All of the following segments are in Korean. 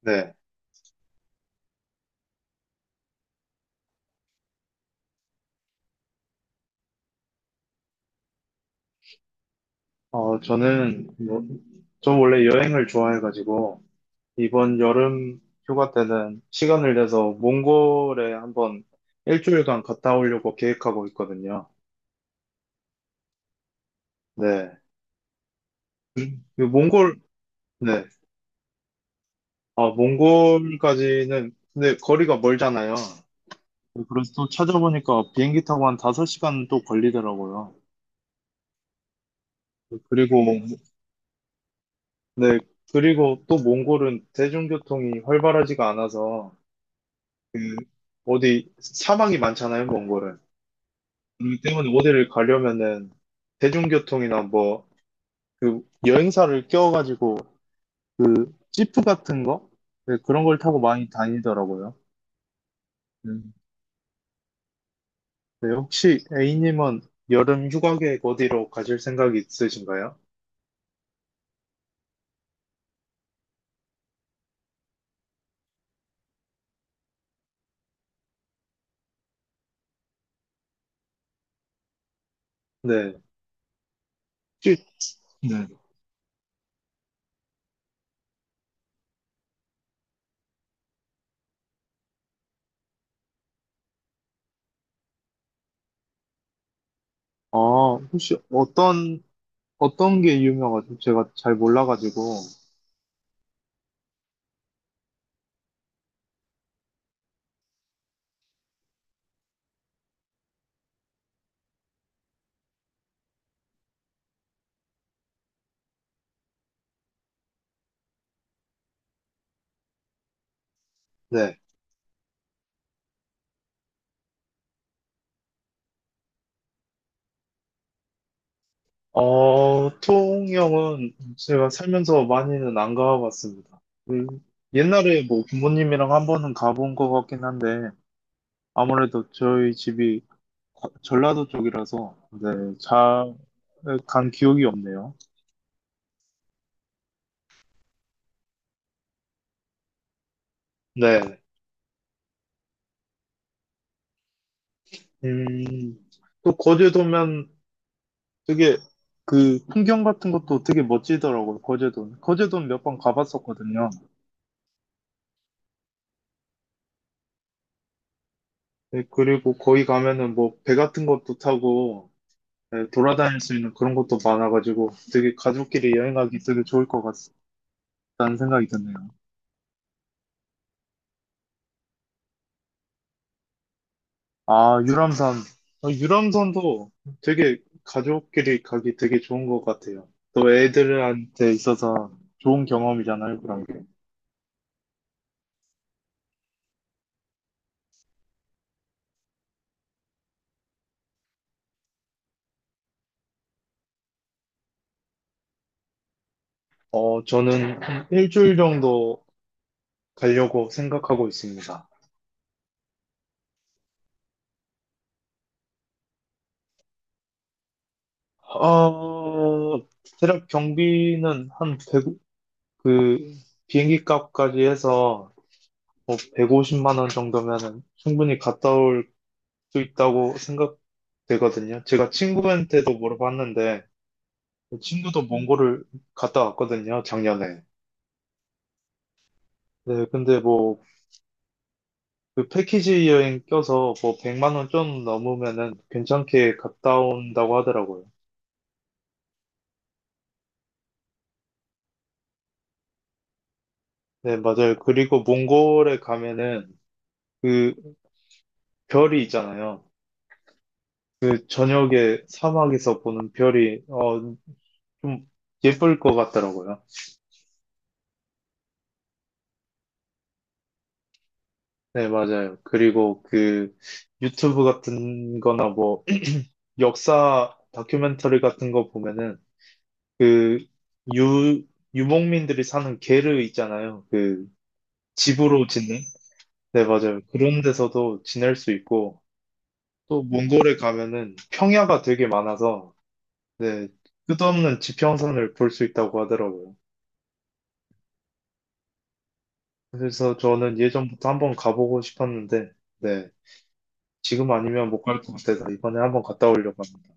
네. 저는, 뭐, 저 원래 여행을 좋아해가지고, 이번 여름 휴가 때는 시간을 내서 몽골에 한번 일주일간 갔다 오려고 계획하고 있거든요. 네. 이 몽골, 네. 아, 몽골까지는, 근데 거리가 멀잖아요. 그래서 또 찾아보니까 비행기 타고 한 5시간 또 걸리더라고요. 그리고, 네. 그리고 또 몽골은 대중교통이 활발하지가 않아서, 그 어디 사막이 많잖아요, 몽골은. 그렇기 때문에 어디를 가려면은 대중교통이나 뭐 그 여행사를 껴가지고 그 지프 같은 거, 네, 그런 걸 타고 많이 다니더라고요. 음. 네, 혹시 A님은 여름 휴가 계획 어디로 가실 생각이 있으신가요? 네. 혹시 네. 아, 혹시 어떤, 어떤 게 유명하죠? 제가 잘 몰라가지고. 네. 통영은 제가 살면서 많이는 안 가봤습니다. 그, 옛날에 뭐 부모님이랑 한 번은 가본 것 같긴 한데, 아무래도 저희 집이 전라도 쪽이라서, 네, 잘 간 기억이 없네요. 네. 음, 또 거제도면 되게 그 풍경 같은 것도 되게 멋지더라고요, 거제도는. 거제도는 몇 번 가봤었거든요. 네, 그리고 거기 가면은 뭐 배 같은 것도 타고, 네, 돌아다닐 수 있는 그런 것도 많아가지고 되게 가족끼리 여행하기 되게 좋을 것 같다는 생각이 드네요. 아, 유람선. 유람선도 되게 가족끼리 가기 되게 좋은 것 같아요. 또 애들한테 있어서 좋은 경험이잖아요, 그런 게. 저는 한 일주일 정도 가려고 생각하고 있습니다. 어, 대략 경비는 한 100, 그, 비행기 값까지 해서 뭐 150만 원 정도면은 충분히 갔다 올 수 있다고 생각되거든요. 제가 친구한테도 물어봤는데, 친구도 몽골을 갔다 왔거든요, 작년에. 네, 근데 뭐, 그 패키지 여행 껴서 뭐, 100만 원 좀 넘으면은 괜찮게 갔다 온다고 하더라고요. 네, 맞아요. 그리고 몽골에 가면은 그 별이 있잖아요. 그 저녁에 사막에서 보는 별이, 어, 좀 예쁠 것 같더라고요. 네, 맞아요. 그리고 그 유튜브 같은 거나 뭐 역사 다큐멘터리 같은 거 보면은 그 유, 유목민들이 사는 게르 있잖아요. 그 집으로 짓는? 네, 맞아요. 그런 데서도 지낼 수 있고 또 몽골에 가면은 평야가 되게 많아서 네, 끝없는 지평선을 볼 수 있다고 하더라고요. 그래서 저는 예전부터 한번 가보고 싶었는데 네, 지금 아니면 못 갈 것 같아서 이번에 한번 갔다 오려고 합니다.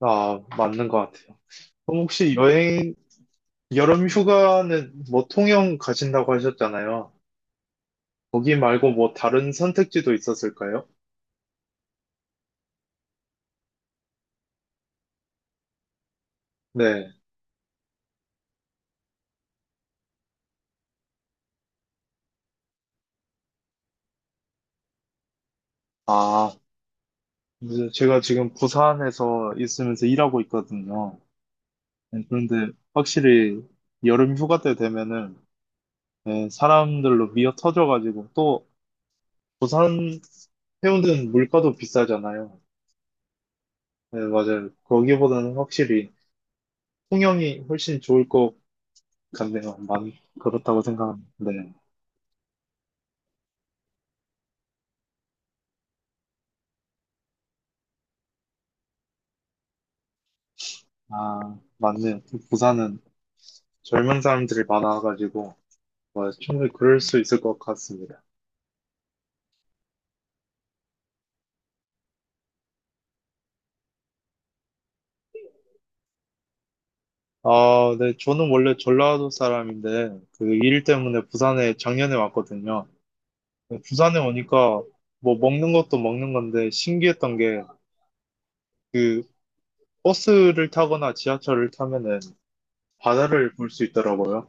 아, 맞는 것 같아요. 그럼 혹시 여행 여름 휴가는 뭐 통영 가신다고 하셨잖아요. 거기 말고 뭐 다른 선택지도 있었을까요? 네. 아, 이제 제가 지금 부산에서 있으면서 일하고 있거든요. 네, 그런데 확실히 여름 휴가 때 되면은 네, 사람들로 미어 터져가지고 또 부산 해운대는 물가도 비싸잖아요. 네, 맞아요. 거기보다는 확실히 통영이 훨씬 좋을 것 같네요. 만, 그렇다고 생각합니다. 네. 아, 맞네요. 부산은 젊은 사람들이 많아가지고 뭐 충분히 그럴 수 있을 것 같습니다. 아, 네, 저는 원래 전라도 사람인데 그 일 때문에 부산에 작년에 왔거든요. 부산에 오니까 뭐 먹는 것도 먹는 건데 신기했던 게 그 버스를 타거나 지하철을 타면은 바다를 볼 수 있더라고요.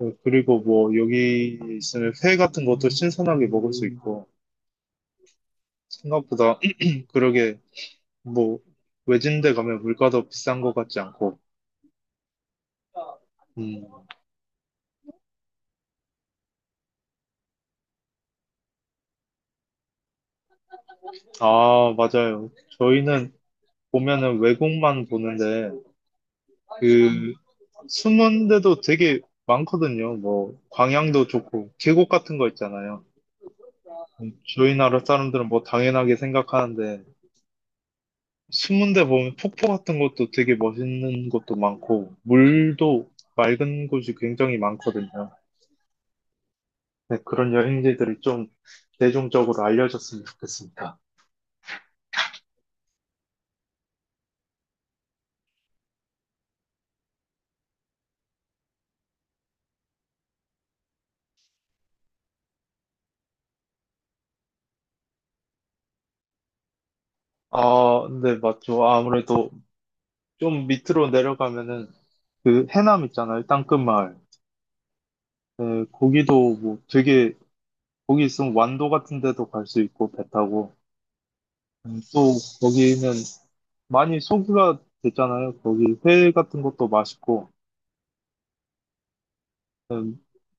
어, 그리고 뭐 여기 있으면 회 같은 것도 신선하게 먹을 수 있고 생각보다 그러게 뭐 외진데 가면 물가도 비싼 것 같지 않고. 음, 아, 맞아요. 저희는 보면은 외국만 보는데, 그, 숨은 데도 되게 많거든요. 뭐, 광양도 좋고, 계곡 같은 거 있잖아요. 저희 나라 사람들은 뭐 당연하게 생각하는데, 숨은 데 보면 폭포 같은 것도 되게 멋있는 것도 많고, 물도 맑은 곳이 굉장히 많거든요. 네, 그런 여행지들이 좀 대중적으로 알려졌으면 좋겠습니다. 아, 네, 맞죠. 아무래도 좀 밑으로 내려가면은 그 해남 있잖아요. 땅끝마을. 예, 거기도 뭐 되게 거기 있으면 완도 같은 데도 갈 수 있고 배 타고 또 거기는 많이 소주가 됐잖아요. 거기 회 같은 것도 맛있고 음,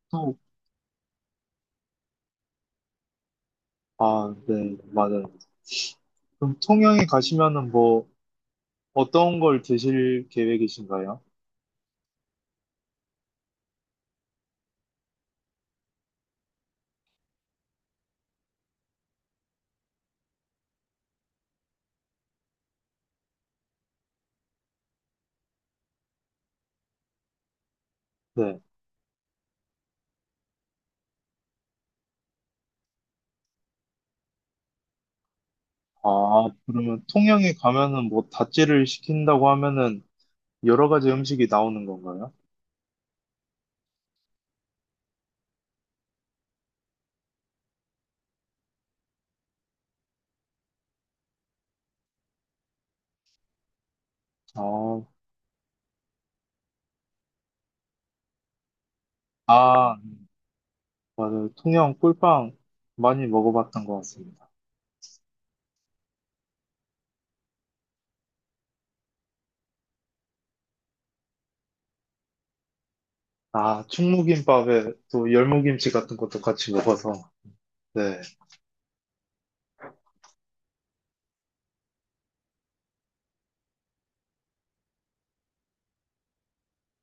또 아, 네, 맞아요. 그럼 통영에 가시면은 뭐 어떤 걸 드실 계획이신가요? 네. 아, 그러면 통영에 가면은 뭐 다찌를 시킨다고 하면은 여러 가지 음식이 나오는 건가요? 아, 아, 맞아요. 통영 꿀빵 많이 먹어봤던 것 같습니다. 아, 충무김밥에 또 열무김치 같은 것도 같이 먹어서, 네.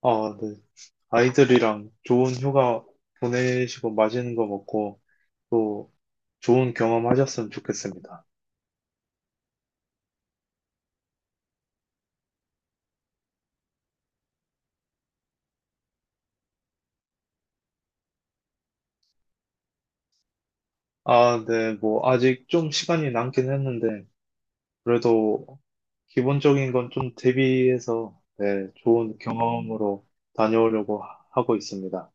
아, 네. 아이들이랑 좋은 휴가 보내시고 맛있는 거 먹고 또 좋은 경험 하셨으면 좋겠습니다. 아, 네. 뭐, 아직 좀 시간이 남긴 했는데, 그래도 기본적인 건 좀 대비해서, 네. 좋은 경험으로 다녀오려고 하고 있습니다.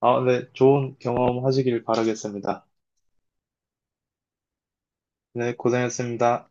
아, 네. 좋은 경험 하시길 바라겠습니다. 네, 고생했습니다.